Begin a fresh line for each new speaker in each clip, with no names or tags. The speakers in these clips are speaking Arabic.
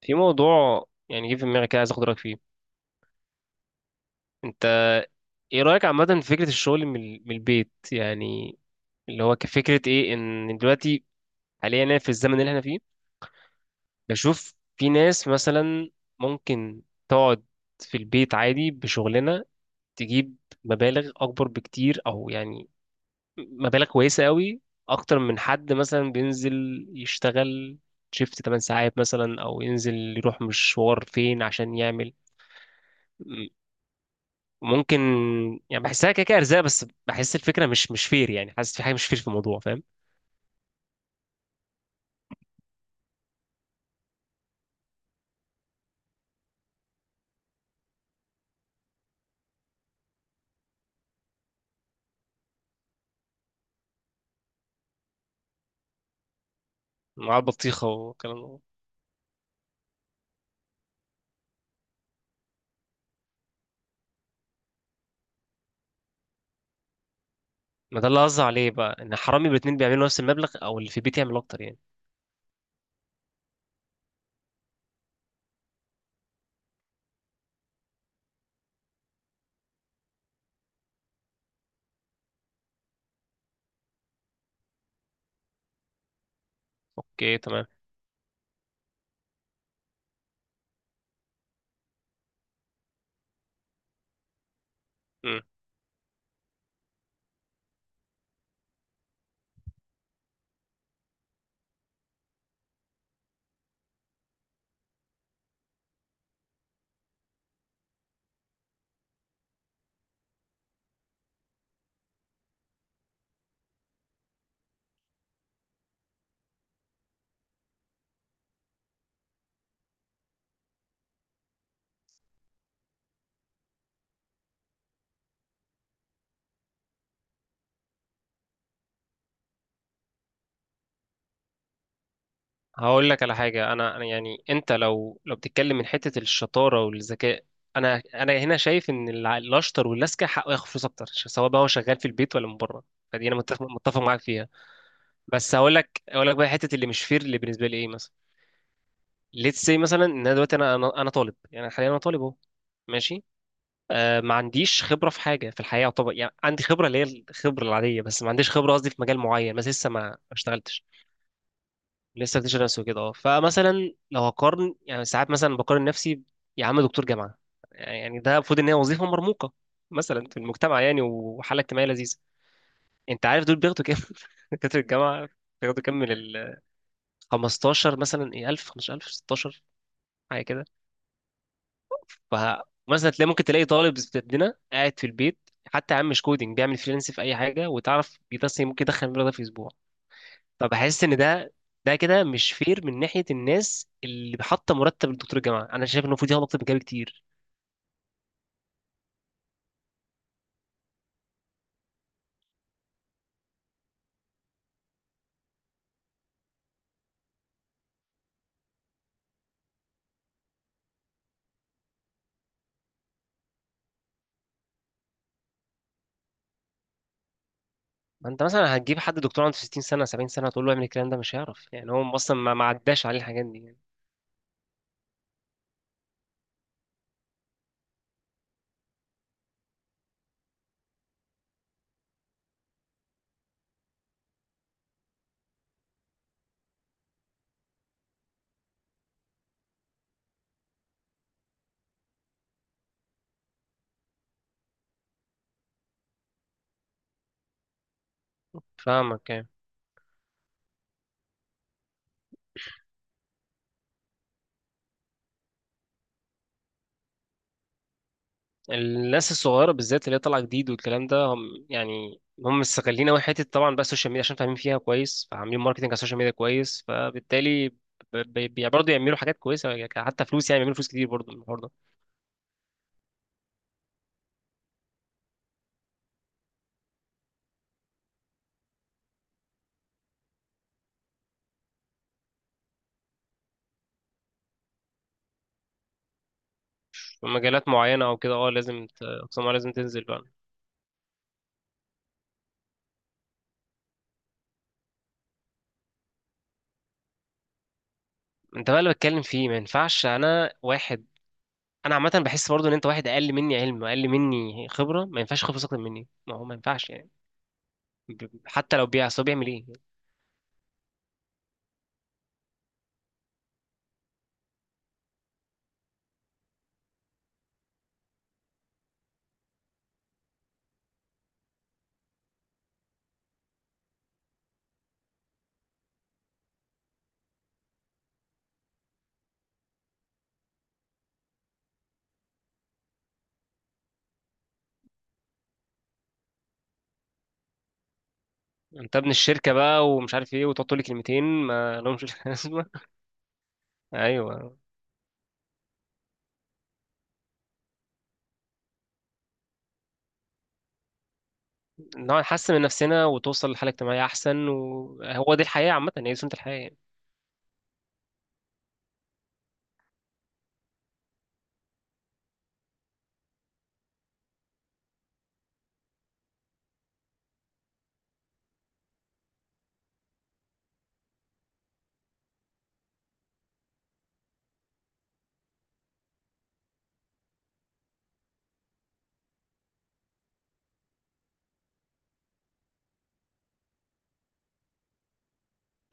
في موضوع يعني جه في دماغي كده، عايز اخد رايك فيه انت. ايه رايك عامه في فكره الشغل من البيت يعني؟ اللي هو كفكره، ايه ان دلوقتي حاليا أنا في الزمن اللي احنا فيه، بشوف في ناس مثلا ممكن تقعد في البيت عادي بشغلنا، تجيب مبالغ اكبر بكتير، او يعني مبالغ كويسه قوي اكتر من حد مثلا بينزل يشتغل شيفت 8 ساعات مثلا، او ينزل يروح مشوار فين عشان يعمل. ممكن يعني بحسها كده كده ارزاق، بس بحس الفكره مش فير، يعني حاسس في حاجه مش فير في الموضوع، فاهم؟ مع البطيخه والكلام ده. ما ده اللي قصدي عليه بقى، ان حرامي الاتنين بيعملوا نفس المبلغ، او اللي في البيت يعمل اكتر يعني. اوكي تمام. امم هقول لك على حاجه. أنا يعني انت لو بتتكلم من حته الشطاره والذكاء، انا هنا شايف ان الاشطر والاذكى حقه ياخد فلوس اكتر، سواء بقى هو شغال في البيت ولا من بره. فدي انا متفق معاك فيها. بس هقول لك بقى حته اللي مش فير اللي بالنسبه لي ايه مثلا. ليتس سي مثلا ان انا دلوقتي انا انا أنا طالب، يعني حاليا انا طالب اهو. ماشي. آه، ما عنديش خبره في حاجه في الحياه طبعا، يعني عندي خبره اللي هي الخبره العاديه، بس ما عنديش خبره قصدي في مجال معين، بس لسه ما اشتغلتش. لسه بكتشف نفسي وكده، اه، فمثلا لو هقارن، يعني ساعات مثلا بقارن نفسي يا عم دكتور جامعه، يعني ده المفروض ان هي وظيفه مرموقه مثلا في المجتمع، يعني وحاله اجتماعيه لذيذه. انت عارف دول بياخدوا كام دكاتره الجامعه؟ بياخدوا كام من ال 15 مثلا، ايه، 1000 15000 16 حاجه كده. فمثلا تلاقي، ممكن تلاقي طالب زي بتاعنا قاعد في البيت، حتى يا عم مش كودينج، بيعمل فريلانس في اي حاجه، وتعرف بيتصل ممكن يدخل المبلغ ده في اسبوع. فبحس ان ده كده مش فير من ناحيه الناس اللي حاطه مرتب لدكتور الجامعه، انا شايف انه المفروض ياخد اكتر من كده بكتير. ما انت مثلا هتجيب حد دكتور عنده 60 سنه 70 سنه تقول له اعمل الكلام ده، مش هيعرف، يعني هو اصلا ما عداش عليه الحاجات دي يعني. فاهمك يعني. الناس الصغيرة بالذات اللي هي طالعة جديد والكلام ده، هم يعني هم مستغلين أوي حتة طبعا بقى السوشيال ميديا، عشان فاهمين فيها كويس، فعاملين ماركتنج على السوشيال ميديا كويس، فبالتالي يعني برضه يعملوا حاجات كويسة، يعني حتى فلوس، يعني بيعملوا فلوس كتير برضه من الحوار ده. في مجالات معينة أو كده، اه، لازم أقسام لازم تنزل بقى. أنت بقى اللي بتكلم فيه ما ينفعش أنا واحد، أنا عامة بحس برضه إن أنت واحد أقل مني علم وأقل مني خبرة، ما ينفعش خبرة أكتر مني، ما هو ما ينفعش يعني. حتى لو بيع، أصل هو بيعمل إيه؟ انت ابن الشركه بقى، ومش عارف ايه، وتقعد تقول لي كلمتين ما لهمش لازمه. ايوه، نقعد نحسن من نفسنا وتوصل لحاله اجتماعيه احسن، وهو دي الحياه عامه، هي دي سنه الحياه يعني.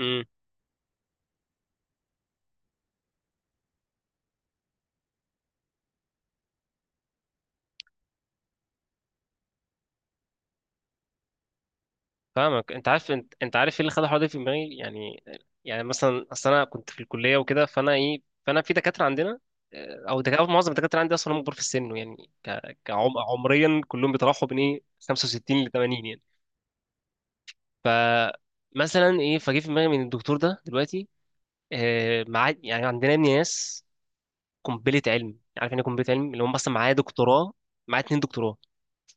امم فاهمك. انت عارف، انت عارف ايه اللي خلى الحوار ده في دماغي يعني. يعني مثلا اصل انا كنت في الكليه وكده، فانا، ايه، فانا في دكاتره عندنا، اه، او دكاتره، معظم الدكاتره عندي اصلا هم كبار في السن، يعني عمريا كلهم بيتراوحوا بين ايه 65 ل 80 يعني. ف مثلا ايه، فجه في دماغي من الدكتور ده دلوقتي، آه، مع يعني عندنا ناس قنبله علم، عارف يعني ايه قنبله علم، اللي هم اصلا معايا دكتوراه، معايا 2 دكتوراه.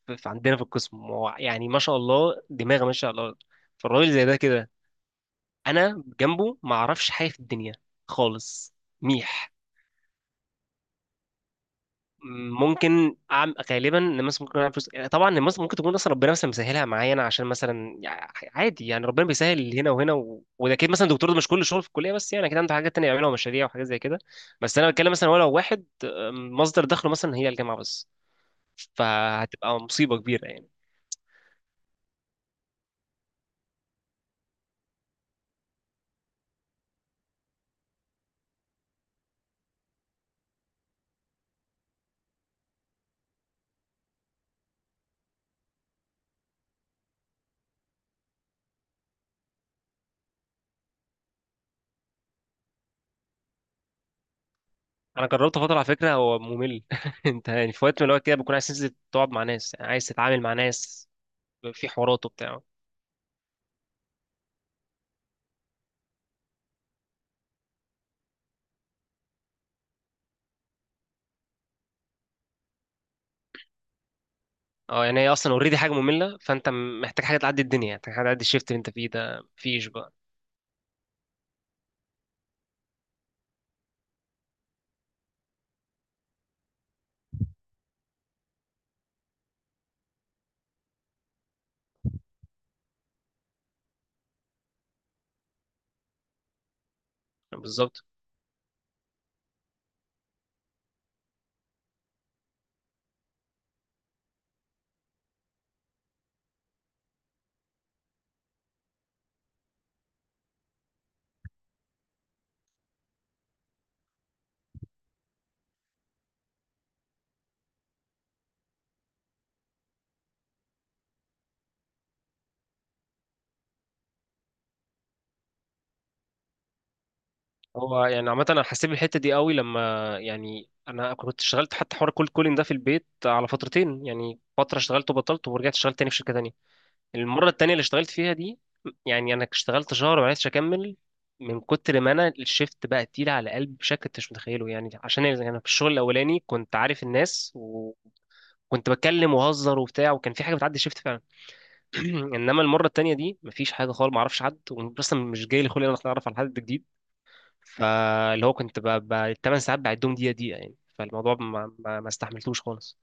عندنا في القسم، هو يعني ما شاء الله دماغه ما شاء الله. فالراجل زي ده كده، انا جنبه ما اعرفش حاجه في الدنيا خالص. ميح. ممكن أعمل، غالبا ان مثلا ممكن اعمل فلوس، يعني طبعا إن مثلا ممكن تكون اصلا ربنا مثلا مسهلها معايا انا، عشان مثلا عادي يعني، ربنا بيسهل هنا وهنا وده اكيد، مثلا الدكتور ده مش كل شغل في الكليه بس، يعني اكيد عنده حاجات تانية يعملها ومشاريع وحاجات زي كده. بس انا بتكلم مثلا ولو واحد مصدر دخله مثلا هي الجامعه بس، فهتبقى مصيبه كبيره يعني. انا جربت فتره على فكره، هو ممل انت يعني في وقت من الوقت كده بكون عايز تنزل تقعد مع ناس، يعني عايز تتعامل مع ناس في حوارات وبتاع. اه، يعني هي اصلا اوريدي حاجه ممله، فانت محتاج حاجه تعدي الدنيا، محتاج حاجه تعدي الشيفت اللي انت فيه ده، مفيش بقى. بالظبط. هو يعني عامه انا حسيت بالحته دي قوي لما، يعني انا كنت اشتغلت حتى حوار كولد كولين ده في البيت على فترتين، يعني فتره اشتغلت وبطلت ورجعت اشتغلت تاني في شركه تانيه. المره التانيه اللي اشتغلت فيها دي، يعني انا اشتغلت شهر ومعرفتش اكمل، من كتر ما انا الشيفت بقى تقيل على قلبي بشكل انت مش متخيله يعني. عشان يعني انا في الشغل الاولاني كنت عارف الناس، وكنت بتكلم وهزر وبتاع، وكان في حاجه بتعدي الشيفت. انما المره التانيه دي مفيش حاجه خالص، ما اعرفش حد، واصلا مش جاي لي خلق ان انا اتعرف على حد جديد. فاللي هو كنت ال 8 ساعات بعدهم دقيقه دقيقه يعني، فالموضوع ما استحملتوش خالص.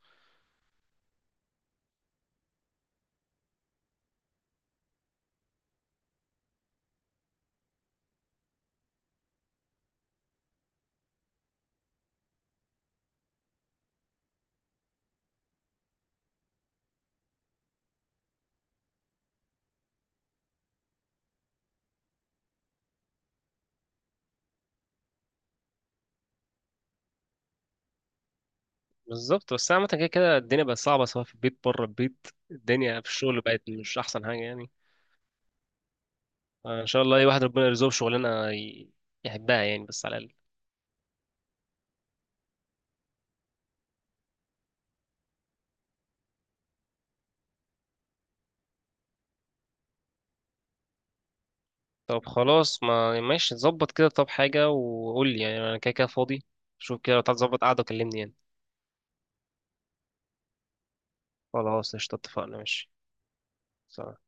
بالظبط. بس عامه كده كده الدنيا بقت صعبه، سواء في البيت بره البيت، الدنيا في الشغل بقت مش احسن حاجه يعني. ان شاء الله اي واحد ربنا يرزقه بشغلانه يحبها، يعني بس على الاقل. طب خلاص، ما ماشي ظبط كده، طب حاجه، وقول لي يعني، انا كده كده فاضي. شوف كده لو تعرف تظبط قعده وكلمني يعني. خلاص قشطة، اتفقنا، ماشي، سلام.